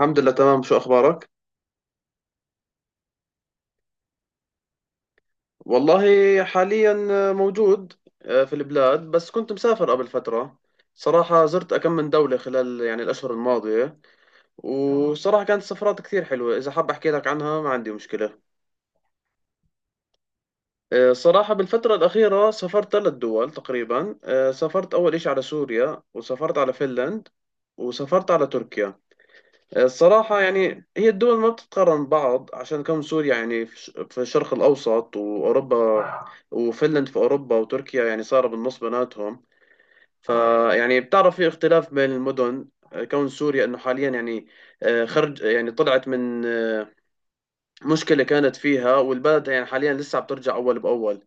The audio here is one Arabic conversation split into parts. الحمد لله، تمام. شو أخبارك؟ والله حاليا موجود، في البلاد، بس كنت مسافر قبل فترة. صراحة زرت أكم من دولة خلال يعني الأشهر الماضية. وصراحة كانت سفرات كثير حلوة، إذا حاب أحكي لك عنها ما عندي مشكلة. صراحة بالفترة الأخيرة سافرت ثلاث دول تقريبا. سافرت أول إشي على سوريا، وسافرت على فنلند، وسافرت على تركيا. الصراحة يعني هي الدول ما بتتقارن بعض، عشان كم سوريا يعني في الشرق الأوسط وأوروبا، وفنلند في أوروبا، وتركيا يعني صار بالنص بيناتهم. فيعني بتعرف في اختلاف بين المدن. كون سوريا انه حاليا يعني خرج يعني طلعت من مشكلة كانت فيها، والبلد يعني حاليا لسه بترجع اول باول.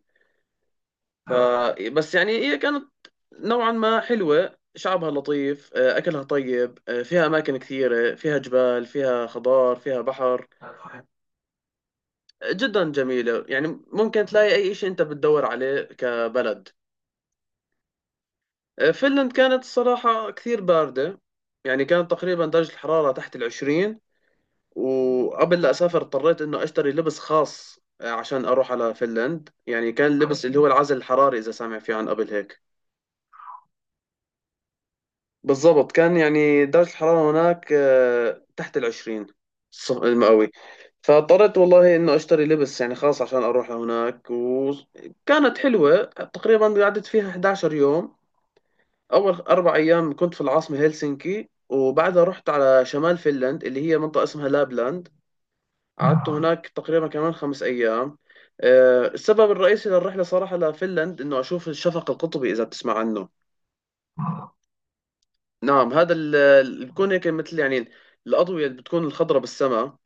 ف بس يعني هي كانت نوعا ما حلوة. شعبها لطيف، أكلها طيب، فيها أماكن كثيرة، فيها جبال، فيها خضار، فيها بحر. جدا جميلة، يعني ممكن تلاقي أي شيء أنت بتدور عليه كبلد. فنلند كانت الصراحة كثير باردة. يعني كانت تقريبا درجة الحرارة تحت العشرين. وقبل لا أسافر اضطريت إنه أشتري لبس خاص، عشان أروح على فنلند. يعني كان اللبس اللي هو العزل الحراري، إذا سامع فيه عن قبل هيك. بالضبط، كان يعني درجة الحرارة هناك تحت العشرين. المئوي. فاضطريت والله انه اشتري لبس يعني خاص عشان اروح لهناك. وكانت حلوة. تقريبا قعدت فيها 11 يوم. اول اربع ايام كنت في العاصمة هلسنكي، وبعدها رحت على شمال فنلند، اللي هي منطقة اسمها لابلاند. قعدت هناك تقريبا كمان خمس ايام. السبب الرئيسي للرحلة صراحة لفنلند انه اشوف الشفق القطبي، اذا بتسمع عنه. نعم، هذا بتكون هيك مثل يعني الأضوية اللي بتكون الخضرة بالسماء.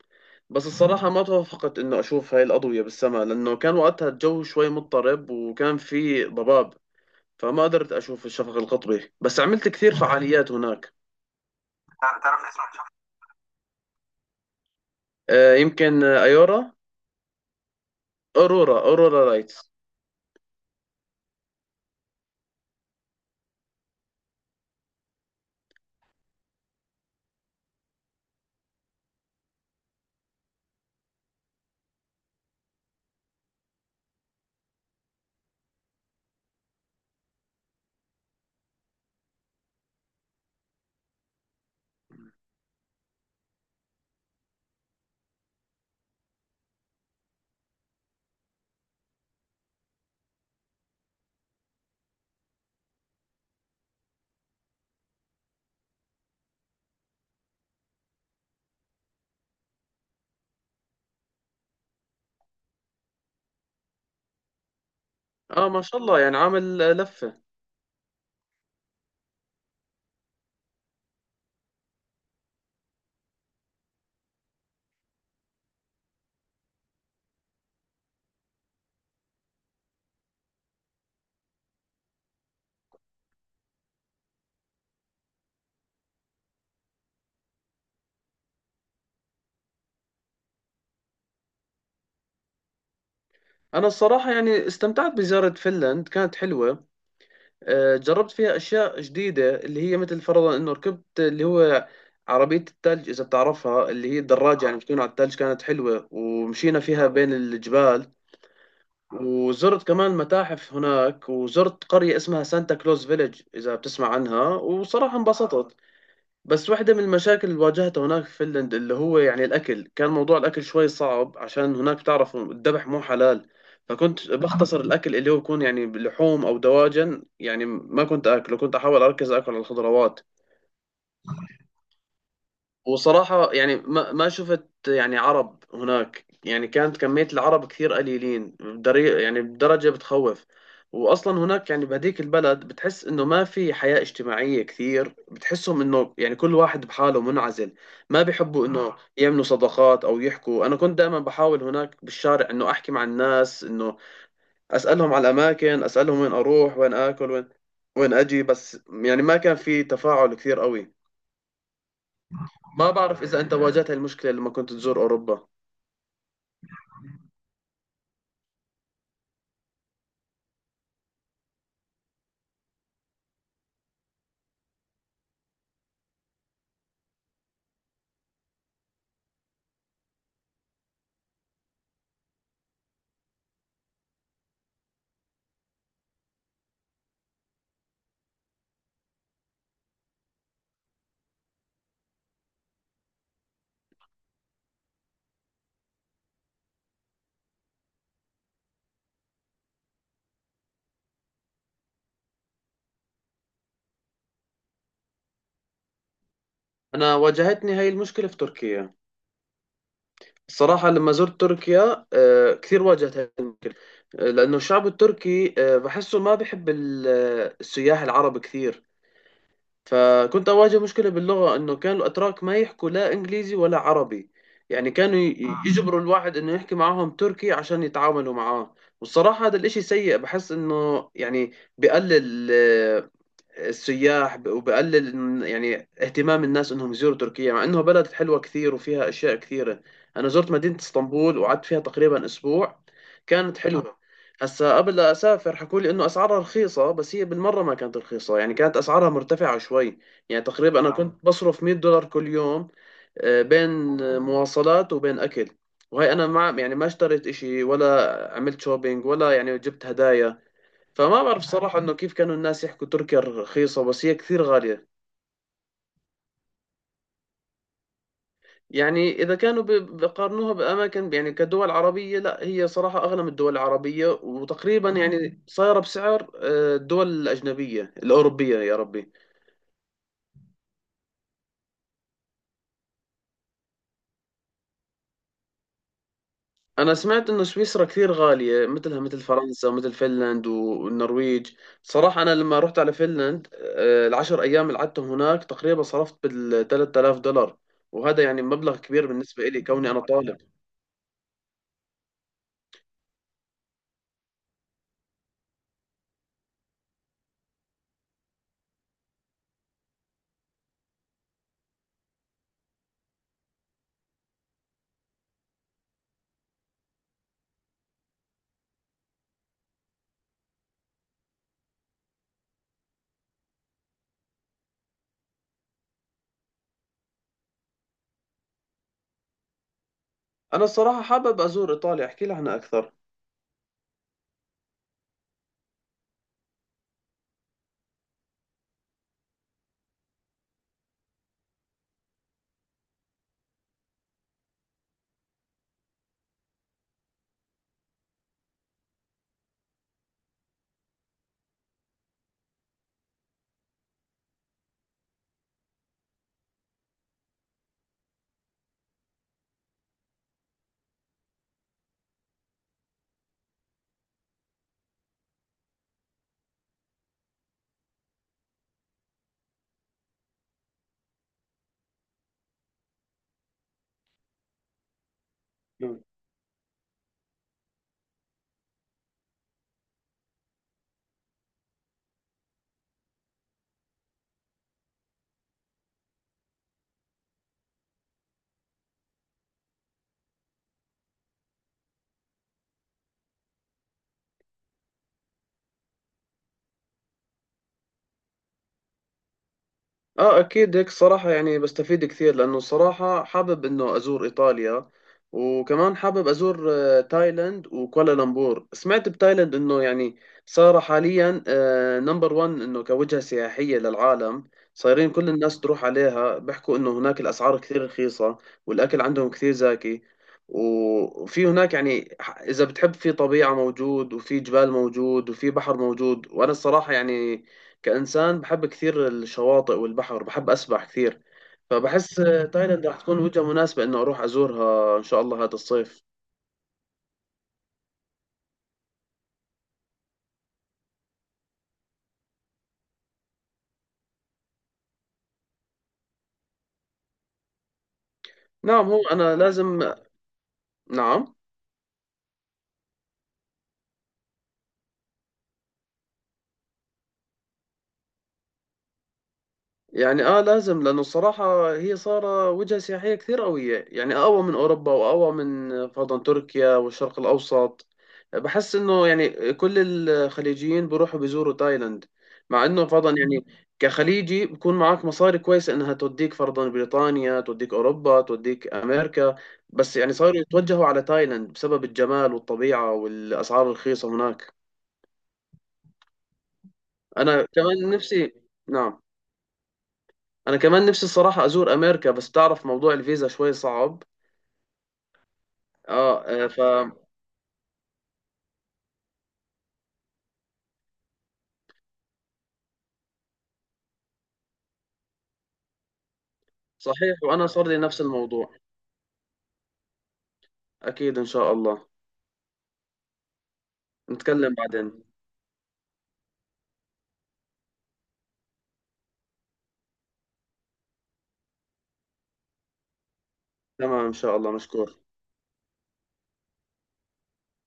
بس الصراحة ما توافقت إنه أشوف هاي الأضوية بالسماء، لأنه كان وقتها الجو شوي مضطرب وكان في ضباب. فما قدرت أشوف الشفق القطبي، بس عملت كثير فعاليات هناك. تعرف اسم الشفق؟ يمكن أيورا. أورورا لايتس. ما شاء الله، يعني عامل لفة. أنا الصراحة يعني استمتعت بزيارة فنلند، كانت حلوة. جربت فيها أشياء جديدة، اللي هي مثل فرضا إنه ركبت اللي هو عربية الثلج، إذا بتعرفها، اللي هي الدراجة يعني بتكون على الثلج. كانت حلوة، ومشينا فيها بين الجبال. وزرت كمان متاحف هناك، وزرت قرية اسمها سانتا كلوز فيلج، إذا بتسمع عنها. وصراحة انبسطت. بس واحدة من المشاكل اللي واجهتها هناك في فنلند، اللي هو يعني الأكل، كان موضوع الأكل شوي صعب، عشان هناك تعرفوا الذبح مو حلال. فكنت بختصر الأكل اللي هو يكون يعني لحوم أو دواجن، يعني ما كنت أكله. كنت أحاول أركز أكل على الخضروات. وصراحة يعني ما شفت يعني عرب هناك. يعني كانت كمية العرب كثير قليلين بدري، يعني بدرجة بتخوف. وأصلا هناك يعني بهديك البلد بتحس إنه ما في حياة اجتماعية كثير. بتحسهم إنه يعني كل واحد بحاله منعزل. ما بيحبوا إنه يعملوا صداقات أو يحكوا. أنا كنت دائما بحاول هناك بالشارع إنه أحكي مع الناس، إنه أسألهم على الأماكن، أسألهم وين أروح، وين آكل، وين أجي. بس يعني ما كان في تفاعل كثير قوي. ما بعرف إذا أنت واجهت هاي المشكلة لما كنت تزور أوروبا. أنا واجهتني هاي المشكلة في تركيا. الصراحة لما زرت تركيا كثير واجهت هاي المشكلة. لأنه الشعب التركي بحسه ما بحب السياح العرب كثير. فكنت أواجه مشكلة باللغة، إنه كانوا الأتراك ما يحكوا لا إنجليزي ولا عربي. يعني كانوا يجبروا الواحد إنه يحكي معاهم تركي عشان يتعاملوا معاه. والصراحة هذا الإشي سيء. بحس إنه يعني بقلل السياح ب- وبقلل إن- يعني اهتمام الناس انهم يزوروا تركيا، مع انه بلد حلوه كثير وفيها اشياء كثيره. انا زرت مدينه اسطنبول، وقعدت فيها تقريبا اسبوع. كانت حلوه. هسا قبل لا اسافر حكوا لي انه اسعارها رخيصه، بس هي بالمره ما كانت رخيصه. يعني كانت اسعارها مرتفعه شوي. يعني تقريبا انا كنت بصرف 100 دولار كل يوم، بين مواصلات وبين اكل. وهي انا ما يعني ما اشتريت اشي، ولا عملت شوبينج، ولا يعني جبت هدايا. فما بعرف صراحة إنه كيف كانوا الناس يحكوا تركيا رخيصة، بس هي كثير غالية. يعني إذا كانوا بقارنوها بأماكن يعني كدول عربية، لا هي صراحة أغلى من الدول العربية، وتقريبا يعني صايرة بسعر الدول الأجنبية الأوروبية. يا ربي. أنا سمعت إنه سويسرا كثير غالية، مثلها مثل فرنسا ومثل فنلند والنرويج. صراحة أنا لما رحت على فنلند، العشر أيام اللي قعدتهم هناك تقريبا صرفت بال 3000 دولار. وهذا يعني مبلغ كبير بالنسبة إلي، كوني أنا طالب. انا الصراحه حابب ازور ايطاليا، احكي لي عنها اكثر. اه، اكيد. هيك صراحة يعني بستفيد كثير، لانه صراحة حابب انه ازور ايطاليا. وكمان حابب ازور تايلاند وكوالالمبور. سمعت بتايلاند انه يعني صار حاليا نمبر 1 انه كوجهة سياحية للعالم. صايرين كل الناس تروح عليها، بيحكوا انه هناك الاسعار كثير رخيصة، والاكل عندهم كثير زاكي. وفي هناك يعني اذا بتحب في طبيعة موجود، وفي جبال موجود، وفي بحر موجود. وانا الصراحة يعني كإنسان بحب كثير الشواطئ والبحر، بحب أسبح كثير. فبحس تايلاند راح تكون وجهة مناسبة إنه أروح أزورها إن شاء الله هذا الصيف. نعم، هو أنا لازم. نعم. يعني اه، لازم، لانه الصراحه هي صار وجهه سياحيه كثير قويه، يعني اقوى من اوروبا واقوى من فرضا تركيا والشرق الاوسط. بحس انه يعني كل الخليجيين بيروحوا بيزوروا تايلاند، مع انه فرضا يعني كخليجي بكون معك مصاري كويسه انها توديك فرضا بريطانيا، توديك اوروبا، توديك امريكا. بس يعني صاروا يتوجهوا على تايلاند بسبب الجمال والطبيعه والاسعار الرخيصه هناك. انا كمان نفسي. نعم. انا كمان نفسي الصراحه ازور امريكا، بس تعرف موضوع الفيزا شويه صعب. اه، آه، ف صحيح. وانا صار لي نفس الموضوع. اكيد ان شاء الله. نتكلم بعدين. تمام ان شاء الله، مشكور.